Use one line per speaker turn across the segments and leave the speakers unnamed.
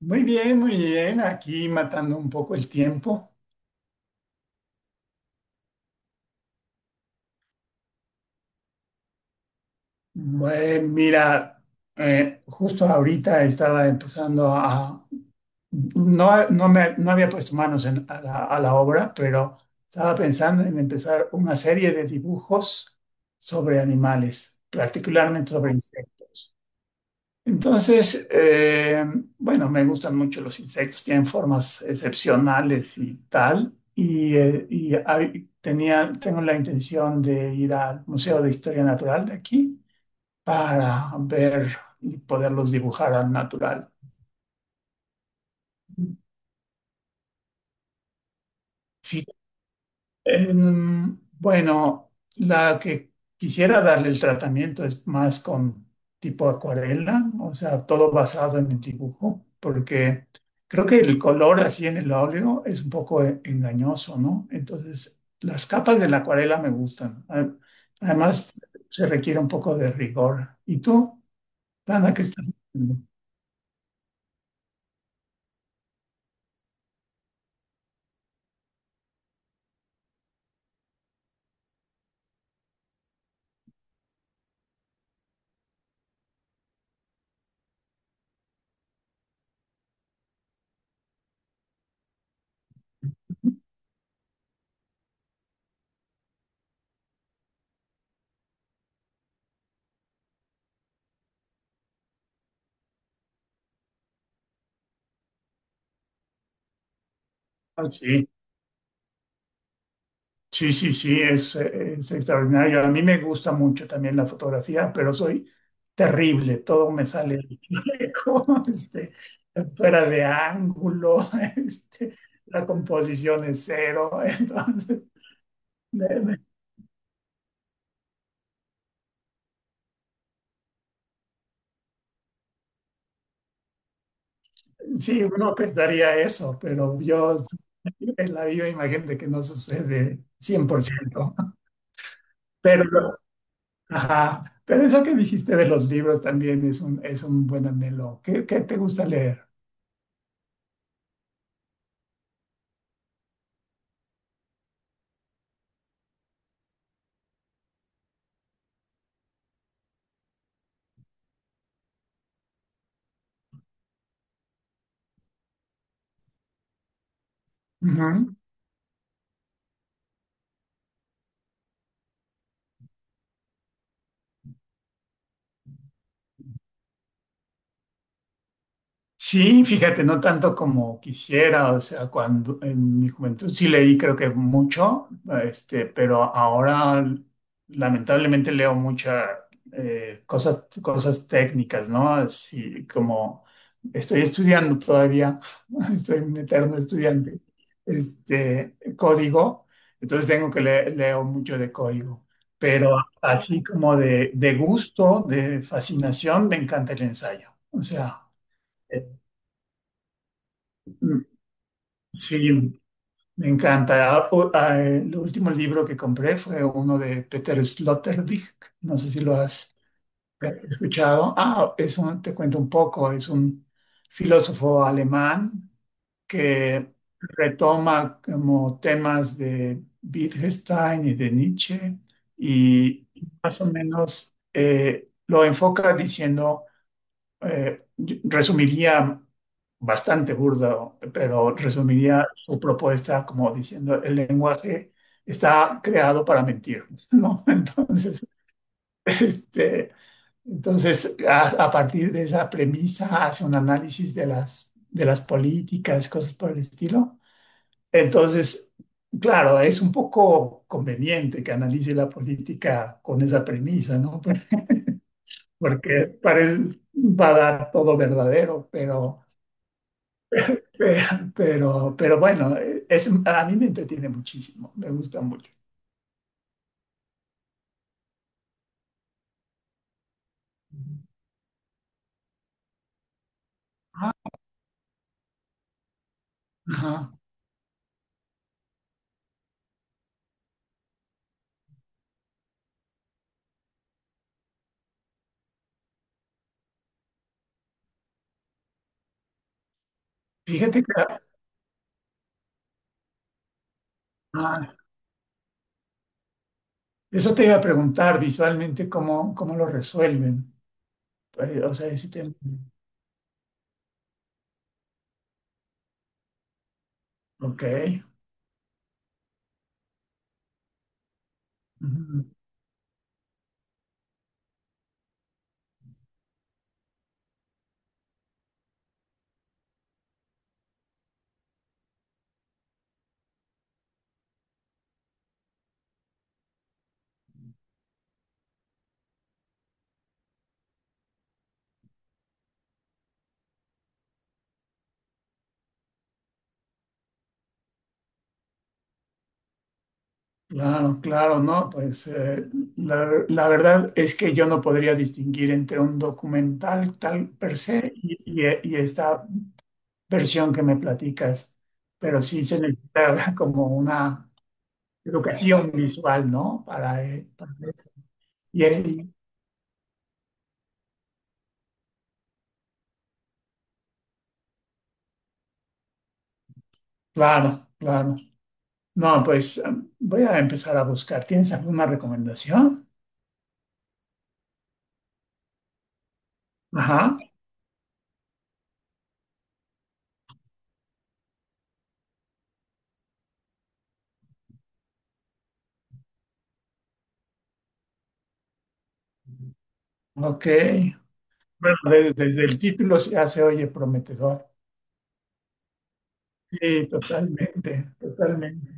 Muy bien, muy bien. Aquí matando un poco el tiempo. Eh, mira, justo ahorita estaba empezando a... no había puesto manos a a la obra, pero estaba pensando en empezar una serie de dibujos sobre animales, particularmente sobre insectos. Entonces, bueno, me gustan mucho los insectos, tienen formas excepcionales y tal. Y tengo la intención de ir al Museo de Historia Natural de aquí para ver y poderlos dibujar al natural. Bueno, la que quisiera darle el tratamiento es más con tipo acuarela, o sea, todo basado en el dibujo, porque creo que el color así en el óleo es un poco engañoso, ¿no? Entonces, las capas de la acuarela me gustan. A- Además, se requiere un poco de rigor. ¿Y tú, Dana, qué estás haciendo? Ah, sí. Sí, sí, sí, es extraordinario. A mí me gusta mucho también la fotografía, pero soy terrible. Todo me sale como, este, fuera de ángulo, este, la composición es cero. Entonces, me- me- sí, uno pensaría eso, pero yo es la viva imagen de que no sucede cien por ciento. Pero, ajá, pero eso que dijiste de los libros también es un buen anhelo. ¿Qué, qué te gusta leer? Ujú. Sí, fíjate, no tanto como quisiera, o sea, cuando en mi juventud sí leí creo que mucho, este, pero ahora lamentablemente leo muchas cosas, cosas técnicas, ¿no? Así como estoy estudiando todavía, estoy un eterno estudiante, este, código, entonces leo mucho de código, pero así como de gusto, de fascinación, me encanta el ensayo, o sea. eh, Sí, me encanta. Ah, el último libro que compré fue uno de Peter Sloterdijk. No sé si lo has escuchado. Ah, es un, te cuento un poco. Es un filósofo alemán que retoma como temas de Wittgenstein y de Nietzsche y más o menos lo enfoca diciendo yo resumiría bastante burdo, pero resumiría su propuesta como diciendo el lenguaje está creado para mentir, ¿no? Entonces, este, entonces a partir de esa premisa hace un análisis de las políticas, cosas por el estilo. Entonces, claro, es un poco conveniente que analice la política con esa premisa, ¿no? Porque parece, va a dar todo verdadero, pero, pero bueno, es, a mí me entretiene muchísimo, me gusta mucho. Ajá. Fíjate que ah, eso te iba a preguntar visualmente cómo, cómo lo resuelven. Pues, o sea, ese tema. Ok. Ujú. Claro, claro, no, pues la, la verdad es que yo no podría distinguir entre un documental tal per se y, y esta versión que me platicas, pero sí se necesita como una educación visual, ¿no? Para, y ahí, claro, claro. No, pues am, voy a empezar a buscar. ¿Tienes alguna recomendación? Ajá, ok. Bueno, desde el título ya se oye prometedor. Sí, totalmente, totalmente.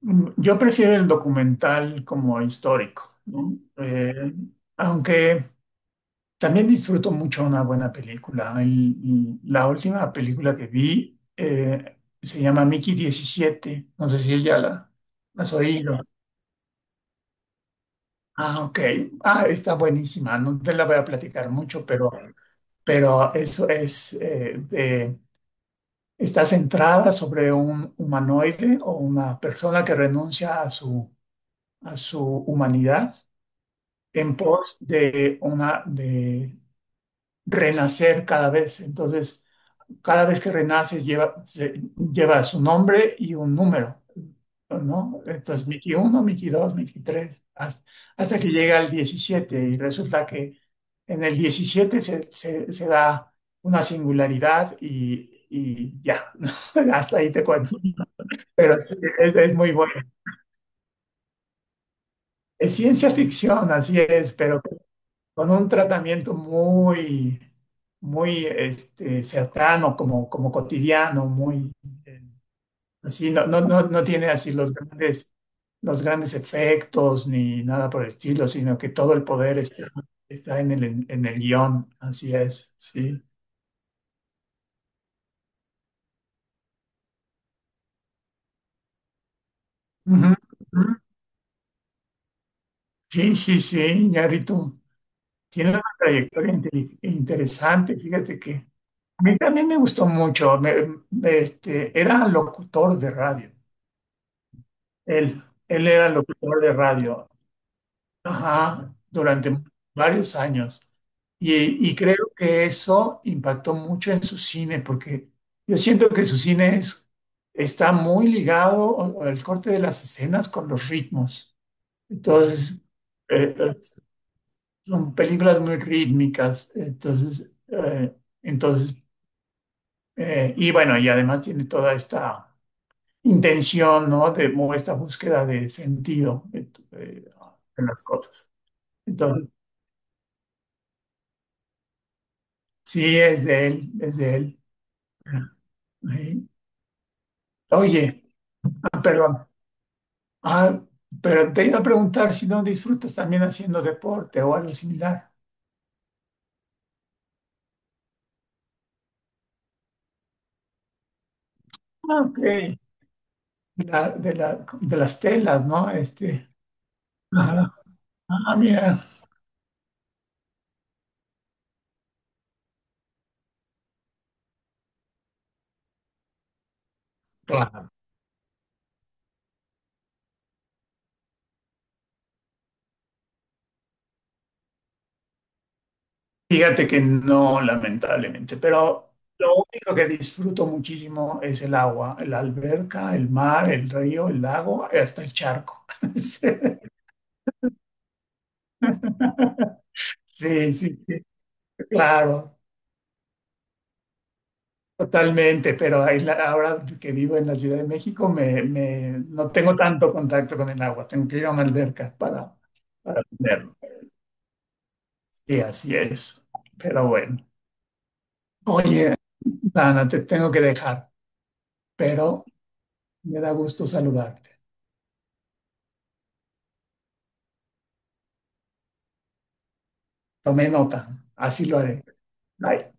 Mm, yo prefiero el documental como histórico, ¿no? Aunque también disfruto mucho una buena película. La última película que vi se llama Mickey diecisiete. No sé si ella la, la has oído. Ah, ok. Ah, está buenísima. No te la voy a platicar mucho, pero eso es, de- está centrada sobre un humanoide o una persona que renuncia a su humanidad en pos de, una, de renacer cada vez. Entonces, cada vez que renaces lleva, lleva su nombre y un número, ¿no? Entonces, Miki 1, Miki 2, Miki 3, hasta, hasta que llega al 17 y resulta que en el 17 se da una singularidad y ya, hasta ahí te cuento. Pero sí, es muy bueno. Es ciencia ficción, así es, pero con un tratamiento muy, muy este, cercano, como, como cotidiano, muy... eh, así no, no, no, no tiene así los grandes efectos ni nada por el estilo, sino que todo el poder está, está en el guión. Así es, sí. Ujú, ujú. Sí, sí, sí, Iñárritu. Tiene una trayectoria interesante, fíjate que. A mí también me gustó mucho. Este, era locutor de radio. Él, él era locutor de radio. Ajá, durante varios años. Y creo que eso impactó mucho en su cine, porque yo siento que su cine está muy ligado o el corte de las escenas con los ritmos. Entonces, eh, eh, son películas muy rítmicas. Entonces, entonces y bueno, y además tiene toda esta intención, ¿no? De, o esta búsqueda de sentido en las cosas. Entonces, sí, es de él, es de él. Ah, ahí. Oye, ah, pero, ah, pero te iba a preguntar si no disfrutas también haciendo deporte o algo similar. Ah, ok. La- de las telas, ¿no? Este, ajá. Ah, mira. Claro. Fíjate que no, lamentablemente, pero lo único que disfruto muchísimo es el agua, la alberca, el mar, el río, el lago, hasta el charco. Sí, sí, sí, claro. Totalmente, pero ahí la- ahora que vivo en la Ciudad de México me, me- no tengo tanto contacto con el agua, tengo que ir a una alberca para tenerlo. Sí, así es, pero bueno. Oye, Dana, te tengo que dejar, pero me da gusto saludarte. Tomé nota, así lo haré. Bye.